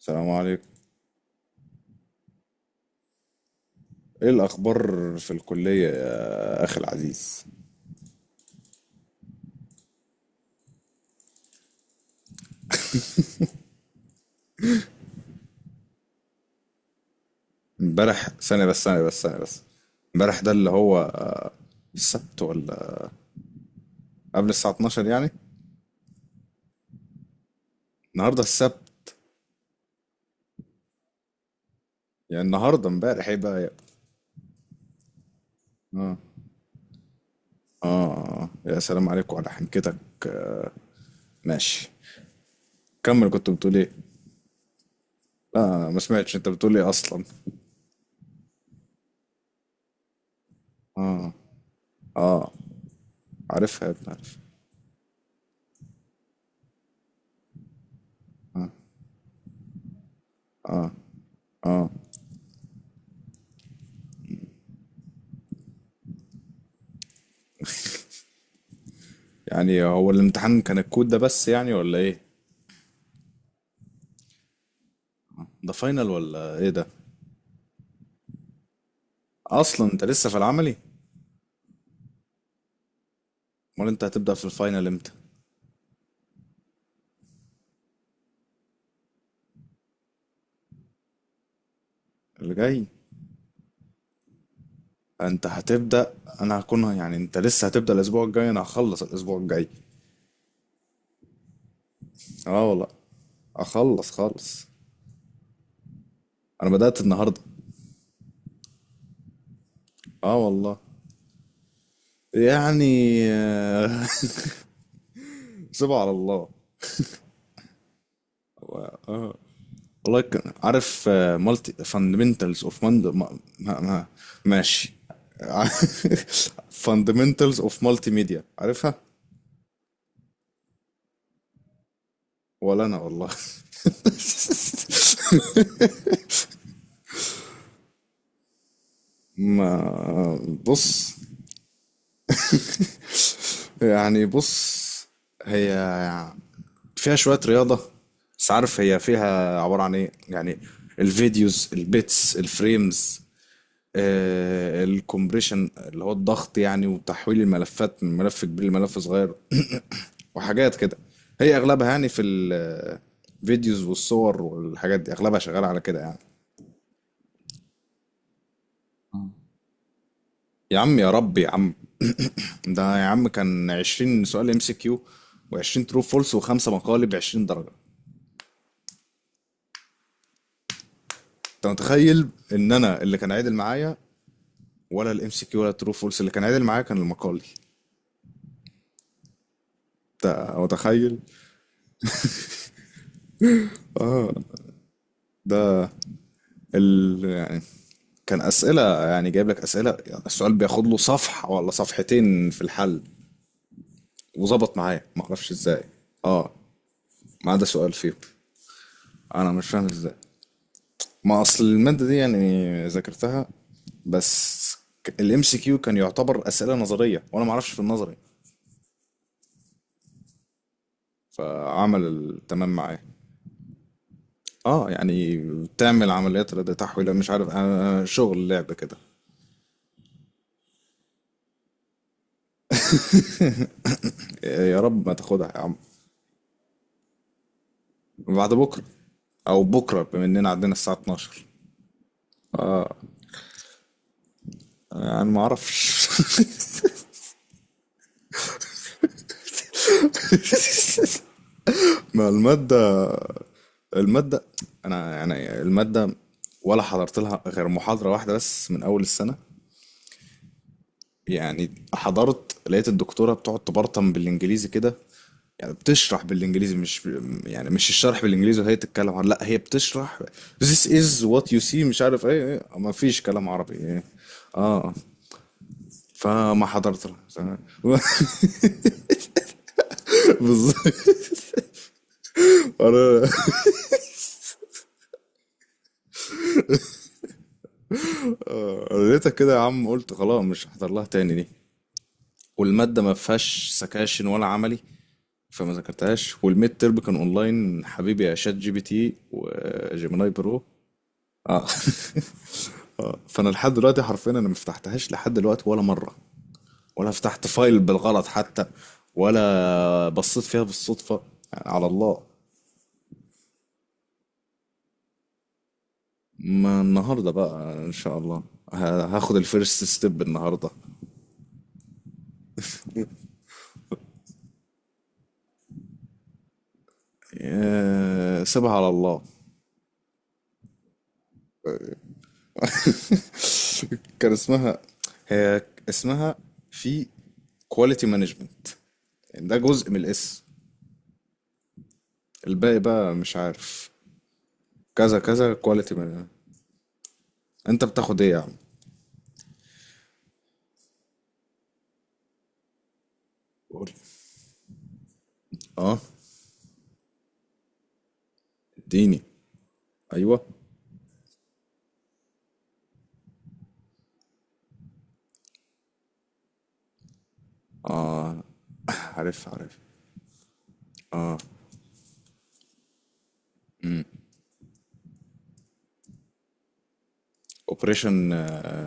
السلام عليكم. ايه الاخبار في الكليه يا اخي العزيز؟ امبارح ثانيه بس. امبارح ده اللي هو السبت ولا قبل الساعه 12 يعني؟ النهارده السبت. يعني النهارده امبارح ايه بقى يا؟ اه يا سلام عليكم على حنكتك. ماشي، كمل، كنت بتقول ايه؟ لا، أنا ما سمعتش انت بتقول ايه اصلا. اه اه. عارفها يا ابني، عارف. يعني هو الامتحان كان الكود ده بس يعني ولا ايه؟ ده فاينل ولا ايه ده؟ اصلا انت لسه في العملي؟ امال انت هتبدأ في الفاينل امتى؟ اللي جاي؟ انت هتبدأ؟ انا هكون يعني، انت لسه هتبدأ الاسبوع الجاي، انا هخلص الاسبوع الجاي. اه والله. اخلص خالص. انا بدأت النهارده. اه والله. يعني سيبها على الله. اه والله كان عارف مالتي فاندمنتالز اوف ما ماشي. فاندمنتالز اوف مالتي ميديا، عارفها؟ ولا انا والله. ما بص، يعني بص، هي فيها شوية رياضة، بس عارف هي فيها عبارة عن ايه يعني. الفيديوز، البيتس، الفريمز، آه الكومبريشن اللي هو الضغط يعني، وتحويل الملفات من ملف كبير لملف صغير. وحاجات كده. هي اغلبها يعني في الفيديوز والصور والحاجات دي، اغلبها شغالة على كده يعني. يا عم يا رب يا عم. ده يا عم كان 20 سؤال ام سي كيو، و20 ترو فولس، وخمسة مقالب 20 درجة. انت متخيل؟ ان انا اللي كان عادل معايا، ولا الام سي كيو، ولا الترو فولس، اللي كان عادل معايا كان المقالي. انت متخيل؟ ده يعني كان اسئله، يعني جايب لك اسئله، يعني السؤال بياخد له صفحه ولا صفحتين في الحل. وظبط معايا ما اعرفش ازاي، اه، ما عدا سؤال فيهم. انا مش فاهم ازاي. ما اصل الماده دي يعني ذاكرتها بس. الام سي كيو كان يعتبر اسئله نظريه، وانا ما اعرفش في النظري، فعمل التمام معايا. اه يعني بتعمل عمليات رد تحويل مش عارف آه شغل لعب كده. يا رب ما تاخدها يا عم. بعد بكره، او بكره، بما اننا عندنا الساعه 12 يعني. ما اعرفش. ما الماده، الماده انا يعني الماده، ولا حضرت لها غير محاضره واحده بس من اول السنه. يعني حضرت لقيت الدكتورة بتقعد تبرطم بالانجليزي كده، يعني بتشرح بالانجليزي مش يعني، مش الشرح بالانجليزي وهي تتكلم عن، لا هي بتشرح this is what you see مش عارف ايه، إيه ما فيش كلام عربي إيه. اه، فما حضرت لها. بالظبط. انا أنا لقيتها كده يا عم قلت خلاص مش هحضر لها تاني دي. والمادة ما فيهاش سكاشن ولا عملي. فما ذاكرتهاش، والميد تيرم كان اونلاين، حبيبي يا شات جي بي تي وجيميناي برو. اه. فانا لحد دلوقتي حرفيا انا ما فتحتهاش لحد دلوقتي ولا مره. ولا فتحت فايل بالغلط حتى. ولا بصيت فيها بالصدفه. على الله. ما النهارده بقى ان شاء الله، هاخد الفيرست ستيب النهارده. سيبها على الله. كان اسمها، هي اسمها في كواليتي مانجمنت. ده جزء من الاسم، الباقي بقى مش عارف. كذا كذا كواليتي مانجمنت. انت بتاخد ايه يا عم؟ قول. اه. اديني، ايوه. اه عارف عارف. اوبريشن، اه.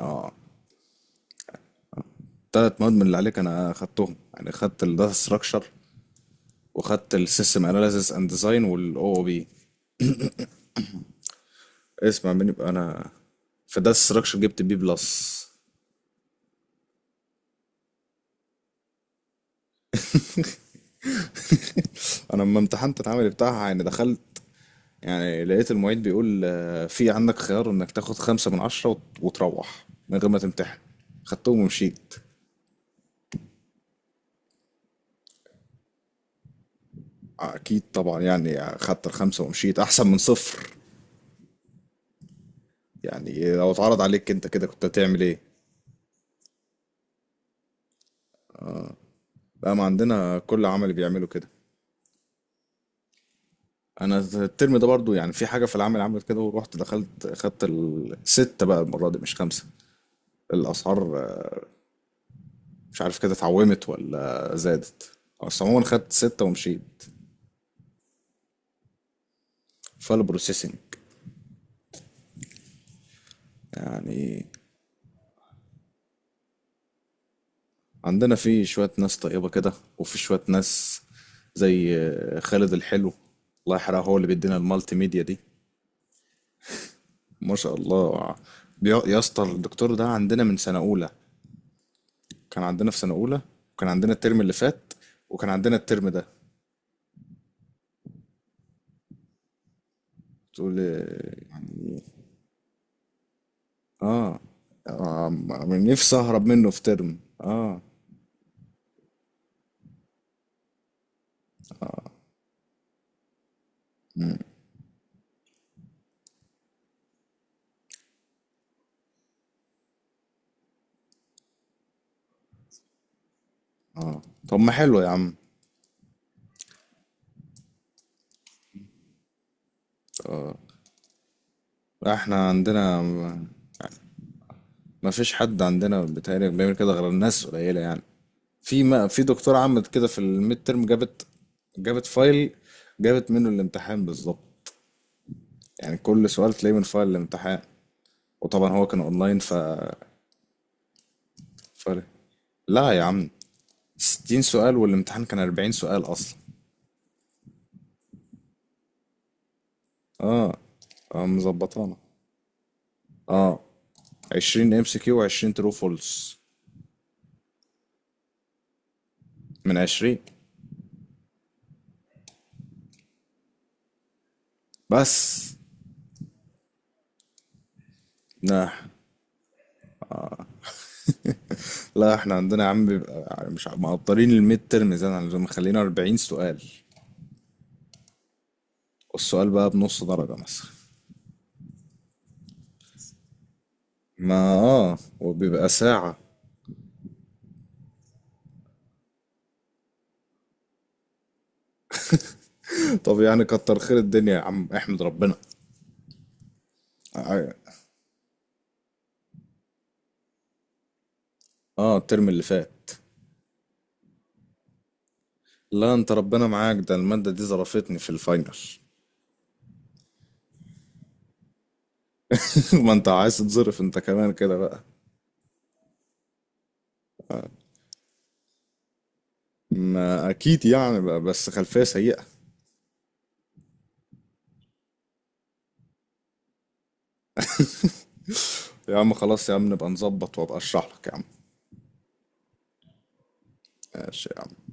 آه. تلات مواد من اللي عليك انا خدتهم، يعني خدت الداتا ستراكشر، وخدت السيستم اناليسيس اند ديزاين، والاو او بي. اسمع مني بقى، انا في الداتا ستراكشر جبت بي بلس. انا لما امتحنت العمل بتاعها يعني دخلت، يعني لقيت المعيد بيقول في عندك خيار انك تاخد 5 من 10 وت- وتروح من غير ما تمتحن. خدتهم ومشيت. اكيد طبعا، يعني خدت الخمسة ومشيت احسن من صفر. يعني لو اتعرض عليك انت كده كنت هتعمل ايه؟ بقى ما عندنا كل عمل بيعملوا كده. انا الترم ده برضو يعني في حاجه في العمل عملت كده، ورحت دخلت خدت الستة بقى المره دي، مش خمسه. الاسعار مش عارف كده اتعومت ولا زادت، بس عموما خدت ستة ومشيت. فال بروسيسنج يعني. عندنا في شويه ناس طيبه كده، وفي شويه ناس زي خالد الحلو الله يحرقه، هو اللي بيدينا المالتي ميديا دي، ما شاء الله. يا اسطى، الدكتور ده عندنا من سنة أولى، كان عندنا في سنة أولى، وكان عندنا الترم اللي فات، وكان عندنا الترم ده. تقول لي يعني، اه، آه، من نفسي أهرب منه في ترم. اه. اه طب ما حلو يا عم. احنا عندنا ما فيش حد عندنا بيتهيألي بيعمل كده غير الناس قليلة يعني. في، ما في دكتورة عملت كده في الميد ترم. جابت، فايل، جابت منه الامتحان بالظبط، يعني كل سؤال تلاقيه من فايل الامتحان. وطبعا هو كان اونلاين، ف فرق. لا يا عم، 60 سؤال، والامتحان كان 40 سؤال اصلا. اه. اه مظبطانا. اه، 20 ام سي كيو و20 ترو فولس من 20 بس. لا لا احنا عندنا يا عم بيبقى مش مقدرين الميد ترم زي ما عايزين، مخلينا 40 سؤال، والسؤال بقى بنص درجة مثلا. ما اه، وبيبقى ساعة. طب يعني كتر خير الدنيا يا عم، احمد ربنا. اه الترم اللي فات. لا، انت ربنا معاك، ده المادة دي ظرفتني في الفاينل. ما انت عايز تظرف انت كمان كده بقى. ما اكيد يعني بقى، بس خلفية سيئة. يا عم خلاص يا عم نبقى نظبط وابقى اشرح لك يا عم. ماشي يا عم.